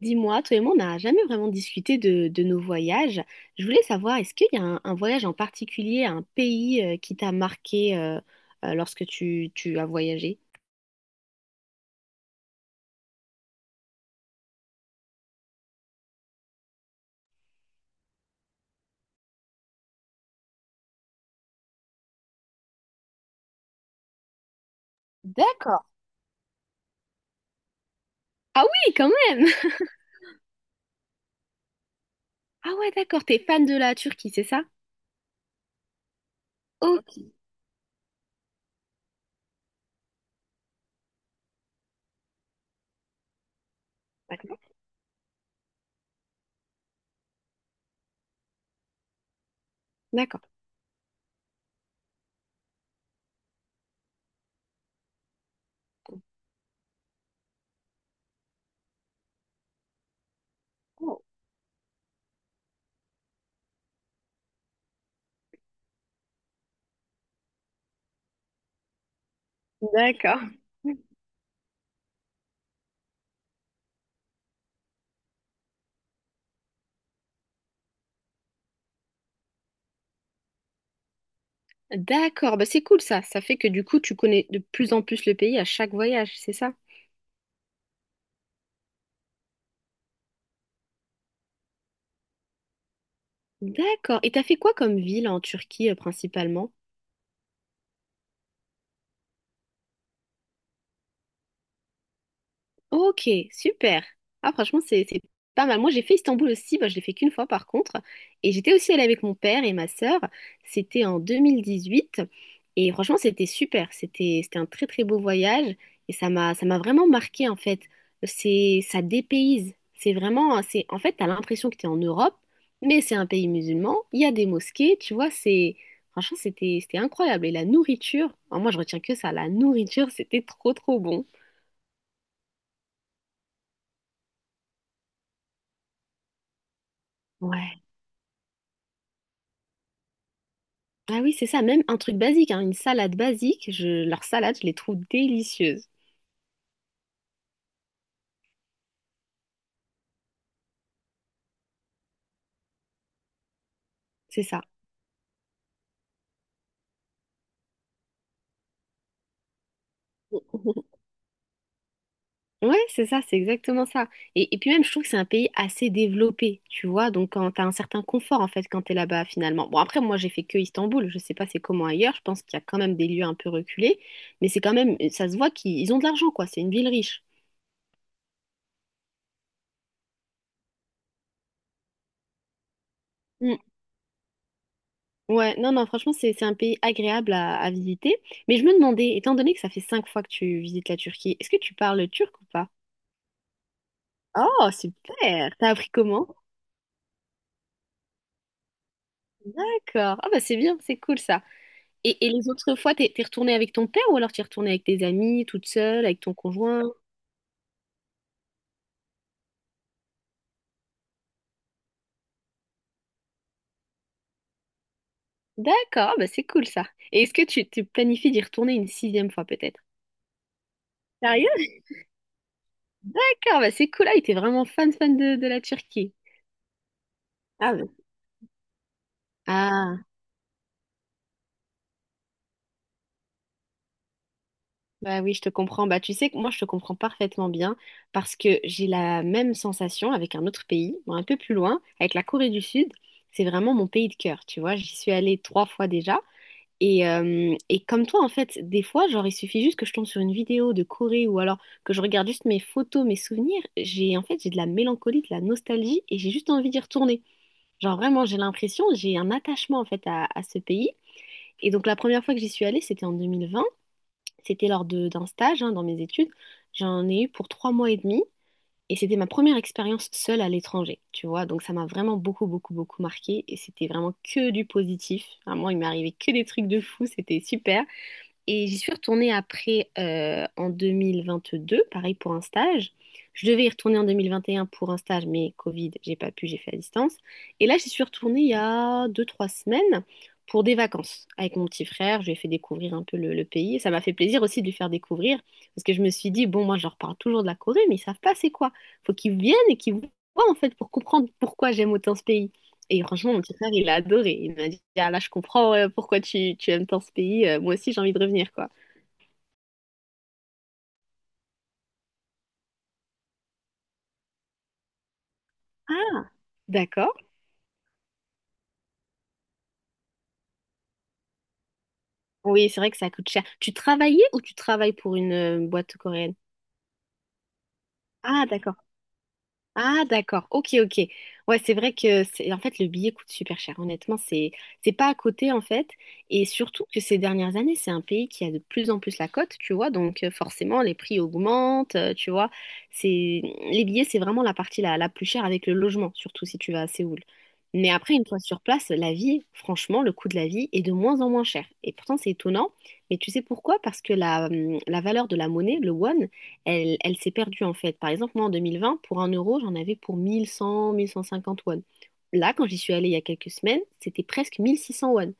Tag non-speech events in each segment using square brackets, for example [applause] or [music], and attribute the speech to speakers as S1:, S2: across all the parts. S1: Dis-moi, toi et moi, on n'a jamais vraiment discuté de nos voyages. Je voulais savoir, est-ce qu'il y a un voyage en particulier, un pays qui t'a marqué lorsque tu as voyagé? D'accord. Ah oui, quand même! [laughs] Ah ouais, d'accord, t'es fan de la Turquie, c'est ça? Ok. D'accord. D'accord. Oh, d'accord. D'accord, bah c'est cool ça. Ça fait que du coup, tu connais de plus en plus le pays à chaque voyage, c'est ça? D'accord. Et t'as fait quoi comme ville en Turquie principalement? Ok, super. Ah, franchement, c'est pas mal. Moi, j'ai fait Istanbul aussi. Bah, je l'ai fait qu'une fois, par contre. Et j'étais aussi allée avec mon père et ma sœur. C'était en 2018. Et franchement, c'était super. C'était un très, très beau voyage. Et ça m'a vraiment marqué, en fait. C'est ça dépayse. C'est en fait, t'as l'impression que t'es en Europe, mais c'est un pays musulman. Il y a des mosquées, tu vois. C'est Franchement, c'était incroyable. Et la nourriture, alors moi, je retiens que ça. La nourriture, c'était trop, trop bon. Ouais. Ah oui, c'est ça, même un truc basique, hein, une salade basique, leurs salades, je les trouve délicieuses. C'est ça. [laughs] Ouais, c'est ça, c'est exactement ça. Et puis même, je trouve que c'est un pays assez développé, tu vois, donc quand t'as un certain confort, en fait, quand t'es là-bas, finalement. Bon, après, moi, j'ai fait que Istanbul, je sais pas c'est comment ailleurs, je pense qu'il y a quand même des lieux un peu reculés, mais c'est quand même, ça se voit qu'ils ont de l'argent, quoi, c'est une ville riche. Mm. Ouais, non, non, franchement, c'est un pays agréable à visiter, mais je me demandais, étant donné que ça fait cinq fois que tu visites la Turquie, est-ce que tu parles turc ou pas? Oh, super! T'as appris comment? D'accord. Ah bah c'est bien, c'est cool ça. Et les autres fois, t'es retournée avec ton père ou alors t'es retournée avec tes amis, toute seule, avec ton conjoint? D'accord, ah bah c'est cool ça. Et est-ce que tu planifies d'y retourner une sixième fois peut-être? Sérieux? D'accord, bah c'est cool. Ah, il était vraiment fan, fan de la Turquie. Ah, ouais. Ah. Bah oui, je te comprends. Bah, tu sais que moi, je te comprends parfaitement bien parce que j'ai la même sensation avec un autre pays, bon, un peu plus loin, avec la Corée du Sud. C'est vraiment mon pays de cœur, tu vois. J'y suis allée trois fois déjà. Et comme toi, en fait, des fois, genre, il suffit juste que je tombe sur une vidéo de Corée ou alors que je regarde juste mes photos, mes souvenirs. En fait, j'ai de la mélancolie, de la nostalgie et j'ai juste envie d'y retourner. Genre, vraiment, j'ai l'impression, j'ai un attachement, en fait, à ce pays. Et donc, la première fois que j'y suis allée, c'était en 2020. C'était d'un stage hein, dans mes études. J'en ai eu pour 3 mois et demi et c'était ma première expérience seule à l'étranger, tu vois. Donc ça m'a vraiment beaucoup, beaucoup, beaucoup marqué et c'était vraiment que du positif. Vraiment, il m'est arrivé que des trucs de fou, c'était super. Et j'y suis retournée après en 2022, pareil pour un stage. Je devais y retourner en 2021 pour un stage, mais Covid, j'ai pas pu, j'ai fait à distance. Et là, j'y suis retournée il y a deux-trois semaines pour des vacances avec mon petit frère. Je lui ai fait découvrir un peu le pays. Ça m'a fait plaisir aussi de lui faire découvrir parce que je me suis dit, bon, moi, je leur parle toujours de la Corée, mais ils savent pas c'est quoi. Faut qu'ils viennent et qu'ils voient en fait pour comprendre pourquoi j'aime autant ce pays. Et franchement, mon petit frère, il a adoré. Il m'a dit, ah là, je comprends pourquoi tu aimes tant ce pays. Moi aussi, j'ai envie de revenir, quoi. Ah, d'accord. Oui, c'est vrai que ça coûte cher. Tu travaillais ou tu travailles pour une boîte coréenne? Ah, d'accord. Ah d'accord, ok ok. Ouais c'est vrai que c'est en fait le billet coûte super cher. Honnêtement c'est pas à côté en fait, et surtout que ces dernières années c'est un pays qui a de plus en plus la cote tu vois donc forcément les prix augmentent tu vois, c'est les billets c'est vraiment la partie la plus chère avec le logement surtout si tu vas à Séoul. Mais après une fois sur place la vie franchement le coût de la vie est de moins en moins cher et pourtant c'est étonnant, mais tu sais pourquoi? Parce que la valeur de la monnaie le won elle s'est perdue en fait. Par exemple, moi en 2020, pour un euro, j'en avais pour 1100, 1150 won. Là, quand j'y suis allée il y a quelques semaines, c'était presque 1600 won.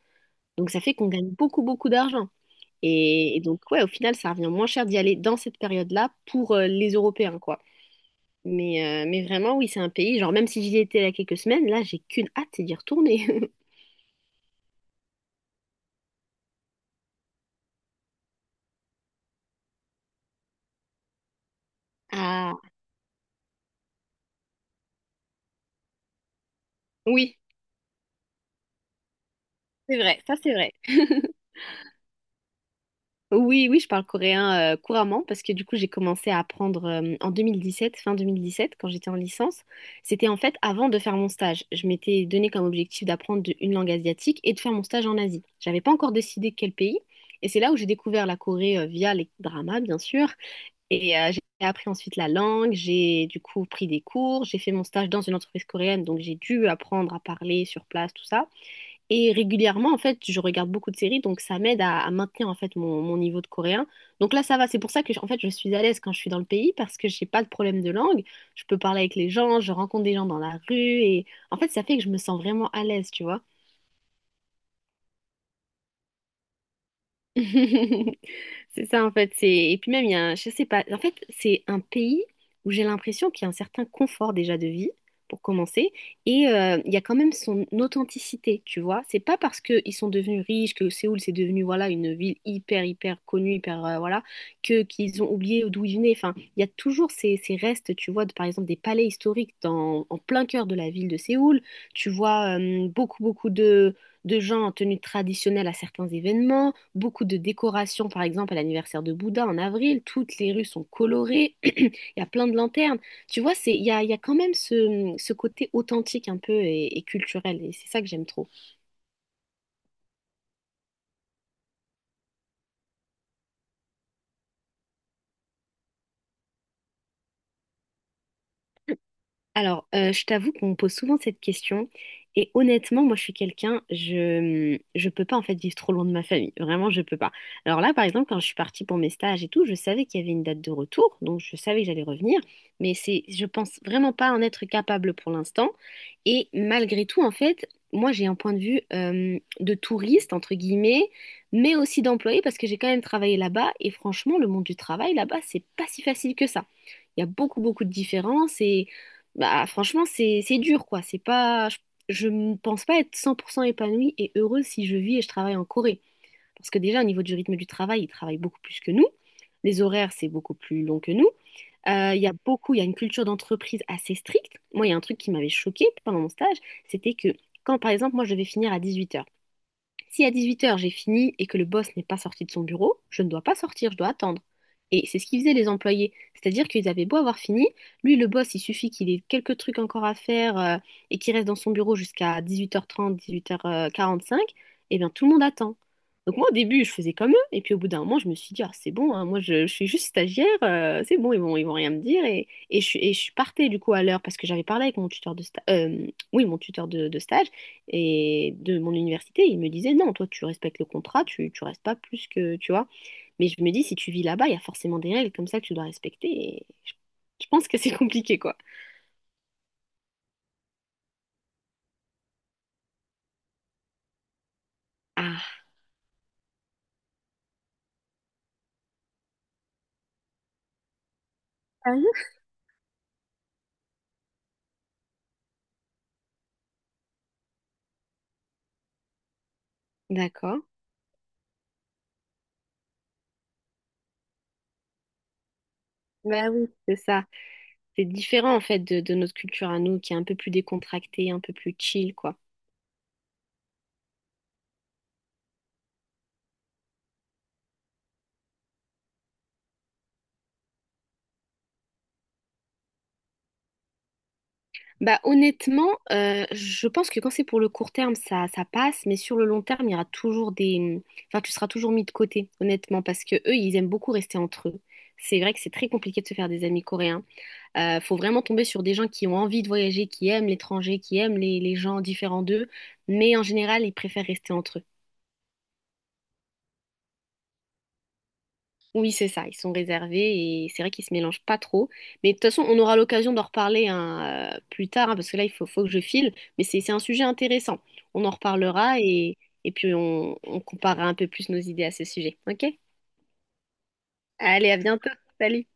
S1: Donc ça fait qu'on gagne beaucoup, beaucoup d'argent. Et donc, ouais, au final, ça revient moins cher d'y aller dans cette période-là pour les Européens, quoi. Mais vraiment, oui, c'est un pays. Genre, même si j'y étais il y a quelques semaines, là, j'ai qu'une hâte, c'est d'y retourner. [laughs] Ah, oui, c'est vrai, ça c'est vrai. [laughs] Oui, oui, je parle coréen couramment parce que du coup, j'ai commencé à apprendre en 2017, fin 2017, quand j'étais en licence. C'était en fait avant de faire mon stage. Je m'étais donné comme objectif d'apprendre une langue asiatique et de faire mon stage en Asie. J'avais pas encore décidé quel pays. Et c'est là où j'ai découvert la Corée via les dramas, bien sûr. Et j'ai appris ensuite la langue. J'ai du coup pris des cours. J'ai fait mon stage dans une entreprise coréenne, donc j'ai dû apprendre à parler sur place, tout ça. Et régulièrement, en fait, je regarde beaucoup de séries, donc ça m'aide à maintenir en fait mon niveau de coréen. Donc là, ça va. C'est pour ça que en fait, je suis à l'aise quand je suis dans le pays parce que j'ai pas de problème de langue. Je peux parler avec les gens, je rencontre des gens dans la rue et en fait, ça fait que je me sens vraiment à l'aise, tu vois. [laughs] C'est ça en fait, c'est et puis même il y a un... je sais pas, en fait, c'est un pays où j'ai l'impression qu'il y a un certain confort déjà de vie pour commencer et il y a quand même son authenticité, tu vois. C'est pas parce qu'ils sont devenus riches que Séoul c'est devenu voilà une ville hyper hyper connue, hyper voilà, que qu'ils ont oublié d'où ils venaient. Enfin, il y a toujours ces restes, tu vois, de, par exemple des palais historiques dans en plein cœur de la ville de Séoul. Tu vois beaucoup beaucoup de gens en tenue traditionnelle à certains événements, beaucoup de décorations, par exemple à l'anniversaire de Bouddha en avril, toutes les rues sont colorées, [clears throat] il y a plein de lanternes. Tu vois, c'est, il y a quand même ce côté authentique un peu et culturel, et c'est ça que j'aime trop. Alors, je t'avoue qu'on me pose souvent cette question. Et honnêtement, moi, je suis quelqu'un, je peux pas en fait vivre trop loin de ma famille. Vraiment, je peux pas. Alors là, par exemple, quand je suis partie pour mes stages et tout, je savais qu'il y avait une date de retour, donc je savais que j'allais revenir. Mais c'est. Je pense vraiment pas en être capable pour l'instant. Et malgré tout, en fait, moi, j'ai un point de vue de touriste entre guillemets, mais aussi d'employé parce que j'ai quand même travaillé là-bas. Et franchement, le monde du travail là-bas, c'est pas si facile que ça. Il y a beaucoup, beaucoup de différences et bah, franchement, c'est dur, quoi. C'est pas. Je ne pense pas être 100% épanouie et heureuse si je vis et je travaille en Corée. Parce que déjà, au niveau du rythme du travail, ils travaillent beaucoup plus que nous. Les horaires, c'est beaucoup plus long que nous. Il y a une culture d'entreprise assez stricte. Moi, il y a un truc qui m'avait choquée pendant mon stage, c'était que quand, par exemple, moi, je devais finir à 18 heures, si à 18h j'ai fini et que le boss n'est pas sorti de son bureau, je ne dois pas sortir, je dois attendre. Et c'est ce qu'ils faisaient les employés. C'est-à-dire qu'ils avaient beau avoir fini, lui le boss, il suffit qu'il ait quelques trucs encore à faire et qu'il reste dans son bureau jusqu'à 18h30, 18h45, et bien tout le monde attend. Donc moi au début je faisais comme eux, et puis au bout d'un moment je me suis dit, ah, c'est bon, hein, moi je suis juste stagiaire, c'est bon, ils vont rien me dire. Et je partais du coup à l'heure parce que j'avais parlé avec mon tuteur de stage, oui, mon tuteur de stage et de mon université, ils me disaient non, toi tu respectes le contrat, tu restes pas plus que, tu vois. Mais je me dis, si tu vis là-bas, il y a forcément des règles comme ça que tu dois respecter. Et je pense que c'est [laughs] compliqué, quoi. Ah, sérieux? D'accord. Bah oui, c'est ça. C'est différent en fait de notre culture à nous, qui est un peu plus décontractée, un peu plus chill, quoi. Bah honnêtement, je pense que quand c'est pour le court terme, ça passe, mais sur le long terme, il y aura toujours des. Enfin, tu seras toujours mis de côté, honnêtement, parce que eux, ils aiment beaucoup rester entre eux. C'est vrai que c'est très compliqué de se faire des amis coréens. Faut vraiment tomber sur des gens qui ont envie de voyager, qui aiment l'étranger, qui aiment les gens différents d'eux, mais en général, ils préfèrent rester entre eux. Oui, c'est ça, ils sont réservés et c'est vrai qu'ils se mélangent pas trop. Mais de toute façon, on aura l'occasion d'en reparler hein, plus tard, hein, parce que là, il faut que je file, mais c'est un sujet intéressant. On en reparlera et puis on comparera un peu plus nos idées à ce sujet. OK? Allez, à bientôt. Salut!